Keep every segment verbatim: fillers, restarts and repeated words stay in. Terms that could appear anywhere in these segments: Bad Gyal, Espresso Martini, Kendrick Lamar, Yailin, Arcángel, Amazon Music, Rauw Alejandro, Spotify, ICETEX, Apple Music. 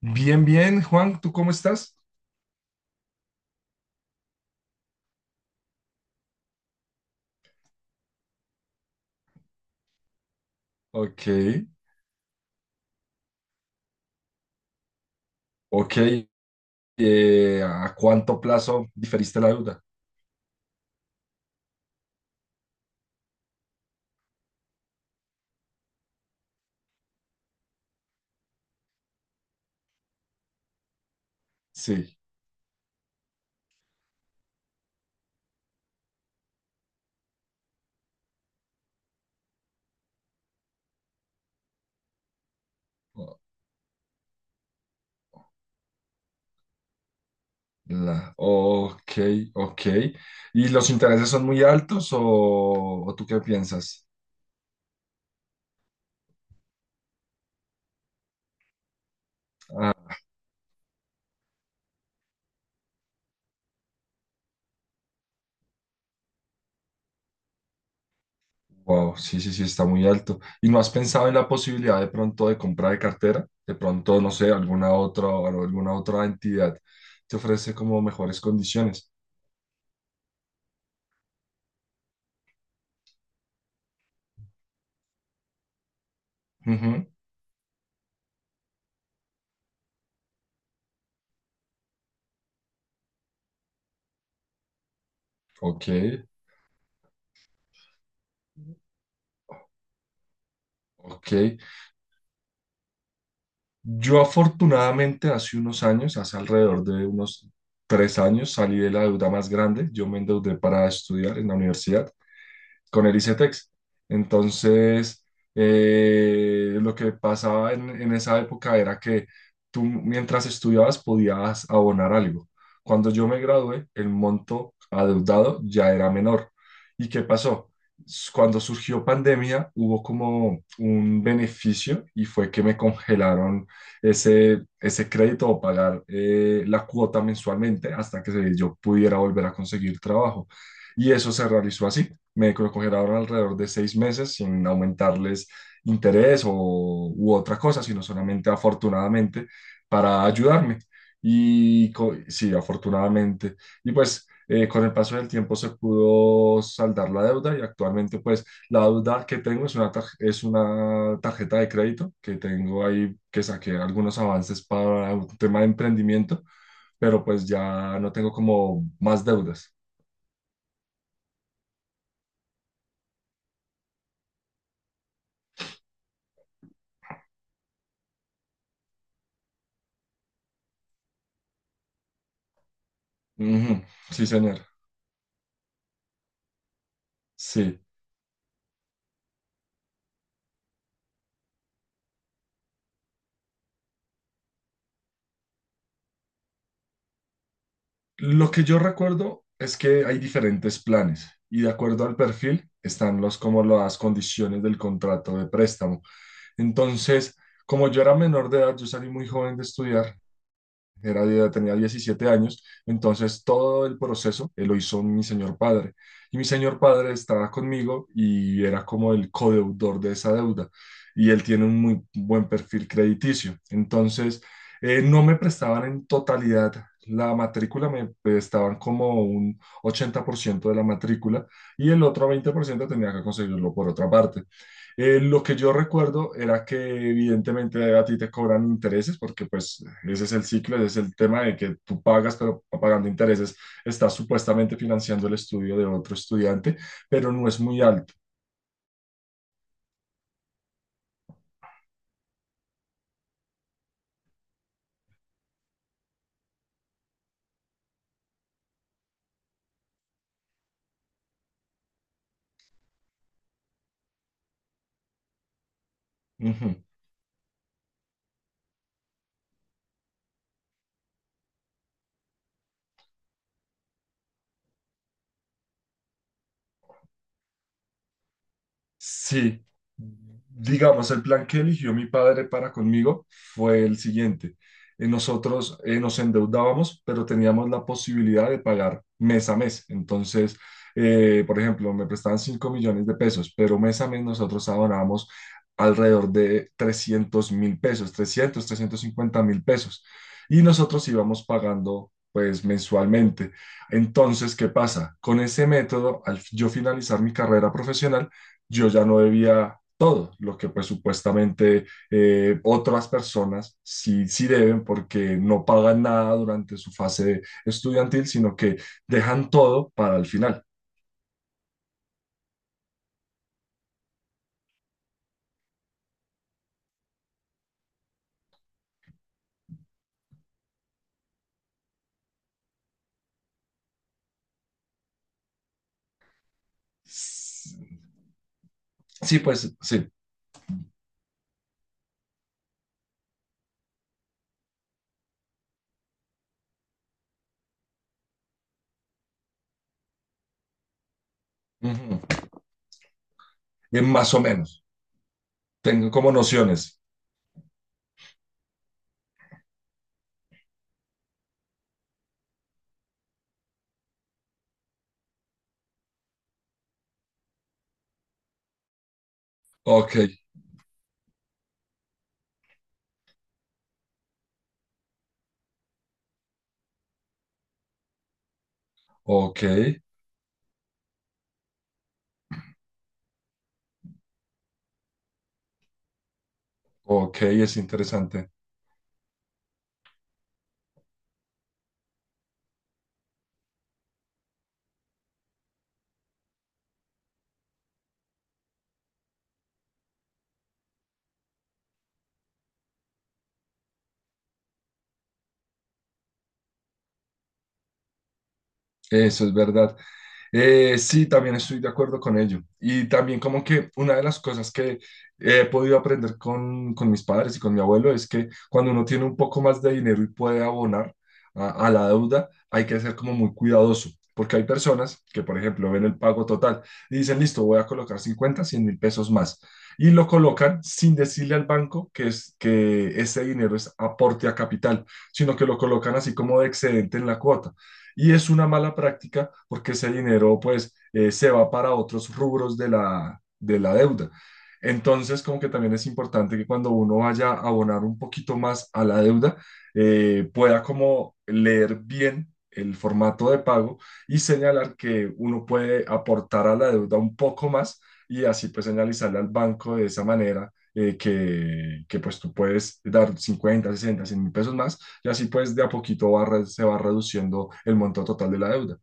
Bien, bien, Juan, ¿tú cómo estás? Ok, ok. Eh, ¿a cuánto plazo diferiste la deuda? Sí. o- La, ok, ok. ¿Y los intereses son muy altos o, o tú qué piensas? Ah, wow, sí, sí, sí, está muy alto. ¿Y no has pensado en la posibilidad de pronto de compra de cartera? De pronto, no sé, alguna otra, alguna otra entidad te ofrece como mejores condiciones. Ujú, ok. Ok, yo afortunadamente hace unos años, hace alrededor de unos tres años, salí de la deuda más grande. Yo me endeudé para estudiar en la universidad con el I C E T E X. Entonces, eh, lo que pasaba en, en esa época era que tú mientras estudiabas podías abonar algo. Cuando yo me gradué, el monto adeudado ya era menor. ¿Y qué pasó? S- Cuando surgió pandemia, hubo como un beneficio y fue que me congelaron ese, ese crédito o pagar eh, la cuota mensualmente hasta que se- yo pudiera volver a conseguir trabajo. Y eso se realizó así, me lo congelaron alrededor de seis meses sin aumentarles interés o, u otra cosa, sino solamente afortunadamente para ayudarme. Y co- sí, afortunadamente. Y pues eh, con el paso del tiempo se pudo saldar la deuda y actualmente pues la deuda que tengo es una, tar- es una tarjeta de crédito que tengo ahí, que saqué algunos avances para un tema de emprendimiento, pero pues ya no tengo como más deudas. Ujú, sí, señor. Sí. Lo que yo recuerdo es que hay diferentes planes y de acuerdo al perfil están los, como las condiciones del contrato de préstamo. Entonces, como yo era menor de edad, yo salí muy joven de estudiar, era, ya tenía diecisiete años, entonces todo el proceso eh, lo hizo mi señor padre. Y mi señor padre estaba conmigo y era como el codeudor de esa deuda. Y él tiene un muy buen perfil crediticio. Entonces, eh, no me prestaban en totalidad la matrícula, me prestaban como un ochenta por ciento de la matrícula y el otro veinte por ciento tenía que conseguirlo por otra parte. Eh, lo que yo recuerdo era que evidentemente a ti te cobran intereses porque pues ese es el ciclo, ese es el tema de que tú pagas, pero pagando intereses estás supuestamente financiando el estudio de otro estudiante, pero no es muy alto. Ujú. Sí, digamos, el plan que eligió mi padre para conmigo fue el siguiente. Eh, Nosotros eh, nos endeudábamos, pero teníamos la posibilidad de pagar mes a mes. Entonces, eh, por ejemplo, me prestaban cinco millones de pesos, pero mes a mes nosotros abonábamos alrededor de trescientos mil pesos, trescientos, trescientos cincuenta mil pesos. Y nosotros íbamos pagando, pues, mensualmente. Entonces, ¿qué pasa? Con ese método, al yo finalizar mi carrera profesional, yo ya no debía todo, lo que pues supuestamente eh, otras personas sí, sí deben porque no pagan nada durante su fase estudiantil, sino que dejan todo para el final. S- Sí, pues sí. Ujú. Eh, más o menos, tengo como nociones. Ok, ok, ok, es interesante. Eso es verdad. Eh, sí, también estoy de acuerdo con ello. Y también como que una de las cosas que he podido aprender con, con mis padres y con mi abuelo es que cuando uno tiene un poco más de dinero y puede abonar a, a la deuda, hay que ser como muy cuidadoso. Porque hay personas que, por ejemplo, ven el pago total y dicen, listo, voy a colocar cincuenta, cien mil pesos más. Y lo colocan sin decirle al banco que, es, que ese dinero es aporte a capital, sino que lo colocan así como de excedente en la cuota. Y es una mala práctica porque ese dinero pues eh, se va para otros rubros de la, de la deuda. Entonces, como que también es importante que cuando uno vaya a abonar un poquito más a la deuda, eh, pueda como leer bien el formato de pago y señalar que uno puede aportar a la deuda un poco más y así pues señalizarle al banco de esa manera eh, que, que pues tú puedes dar cincuenta, sesenta, cien mil pesos más y así pues de a poquito va re- se va reduciendo el monto total de la deuda.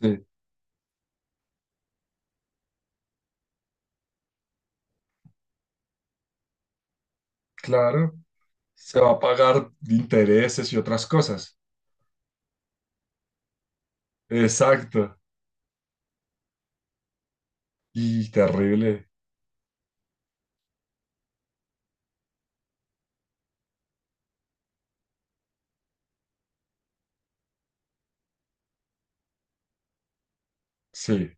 Sí, claro. Se va a pagar intereses y otras cosas. Exacto. Y terrible. Sí,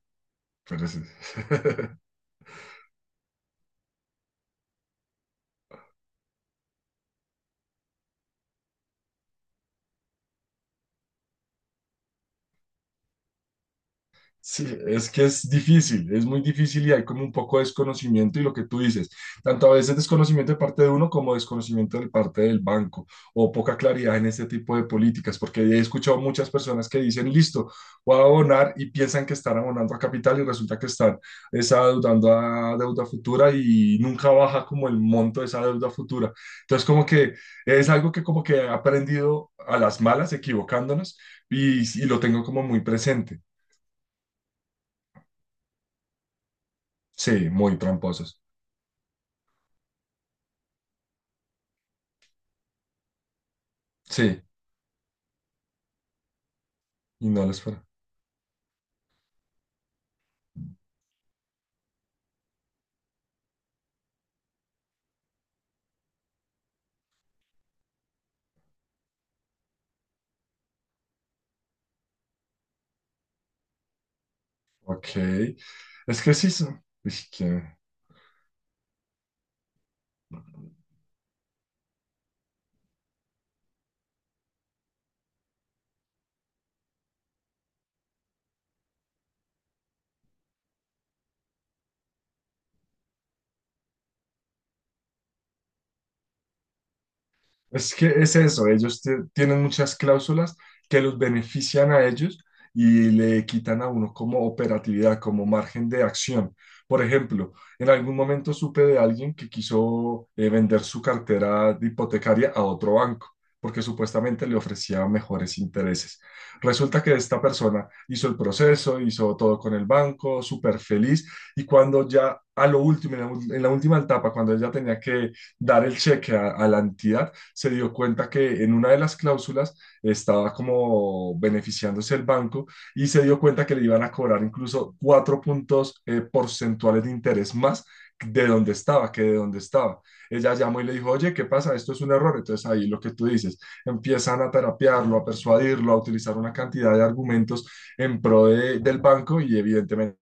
pero sí. Sí, es que es difícil, es muy difícil y hay como un poco de desconocimiento y lo que tú dices, tanto a veces desconocimiento de parte de uno como desconocimiento de parte del banco o poca claridad en este tipo de políticas, porque he escuchado muchas personas que dicen, listo, voy a abonar y piensan que están abonando a capital y resulta que están, es, adeudando a deuda futura y nunca baja como el monto de esa deuda futura. Entonces como que es algo que como que he aprendido a las malas, equivocándonos, y y lo tengo como muy presente. Sí, muy tramposos. Sí, y no les para. Ok. Es que sí son, es que, es que es eso, ellos te- tienen muchas cláusulas que los benefician a ellos y le quitan a uno como operatividad, como margen de acción. Por ejemplo, en algún momento supe de alguien que quiso eh, vender su cartera de hipotecaria a otro banco porque supuestamente le ofrecía mejores intereses. Resulta que esta persona hizo el proceso, hizo todo con el banco, súper feliz, y cuando ya a lo último, en la, ul- en la última etapa, cuando ella tenía que dar el cheque a a la entidad, se dio cuenta que en una de las cláusulas estaba como beneficiándose el banco y se dio cuenta que le iban a cobrar incluso cuatro puntos eh, porcentuales de interés más de donde estaba, que de donde estaba. Ella llamó y le dijo, oye, ¿qué pasa? Esto es un error. Entonces ahí lo que tú dices, empiezan a terapiarlo, a persuadirlo, a utilizar una cantidad de argumentos en pro de- del banco y evidentemente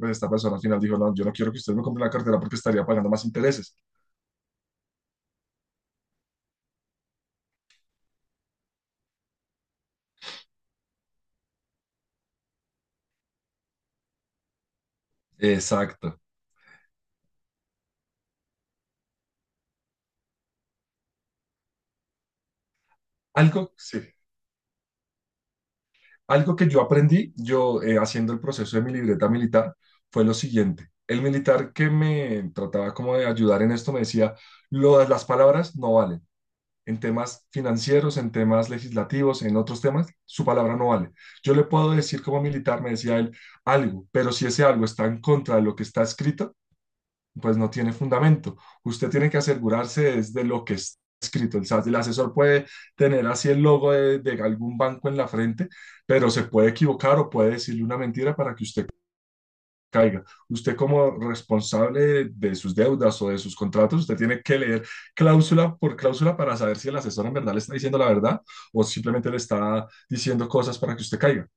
pues esta persona al final dijo, no, yo no quiero que usted me compre la cartera porque estaría pagando más intereses. Exacto. Algo, sí. Algo que yo aprendí, yo eh, haciendo el proceso de mi libreta militar, fue lo siguiente. El militar que me trataba como de ayudar en esto me decía, "Lo- las palabras no valen. En temas financieros, en temas legislativos, en otros temas, su palabra no vale. Yo le puedo decir como militar", me decía él, "algo, pero si ese algo está en contra de lo que está escrito, pues no tiene fundamento. Usted tiene que asegurarse es de lo que está escrito. El, as- el asesor puede tener así el logo de, de, algún banco en la frente, pero se puede equivocar o puede decirle una mentira para que usted caiga. Usted como responsable de de sus deudas o de sus contratos, usted tiene que leer cláusula por cláusula para saber si el asesor en verdad le está diciendo la verdad o simplemente le está diciendo cosas para que usted caiga".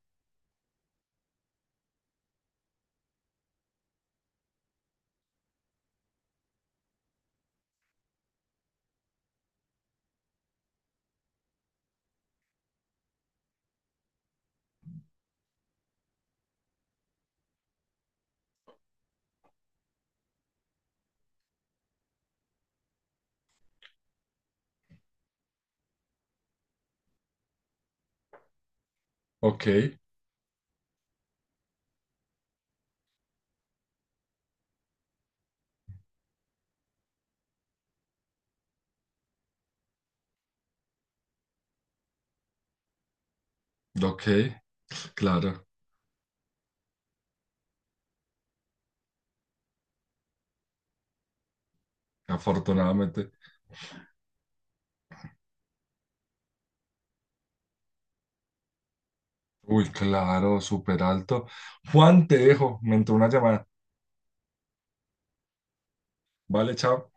Ok, ok, claro, afortunadamente. Uy, claro, súper alto. Juan, te dejo, me entró una llamada. Vale, chao.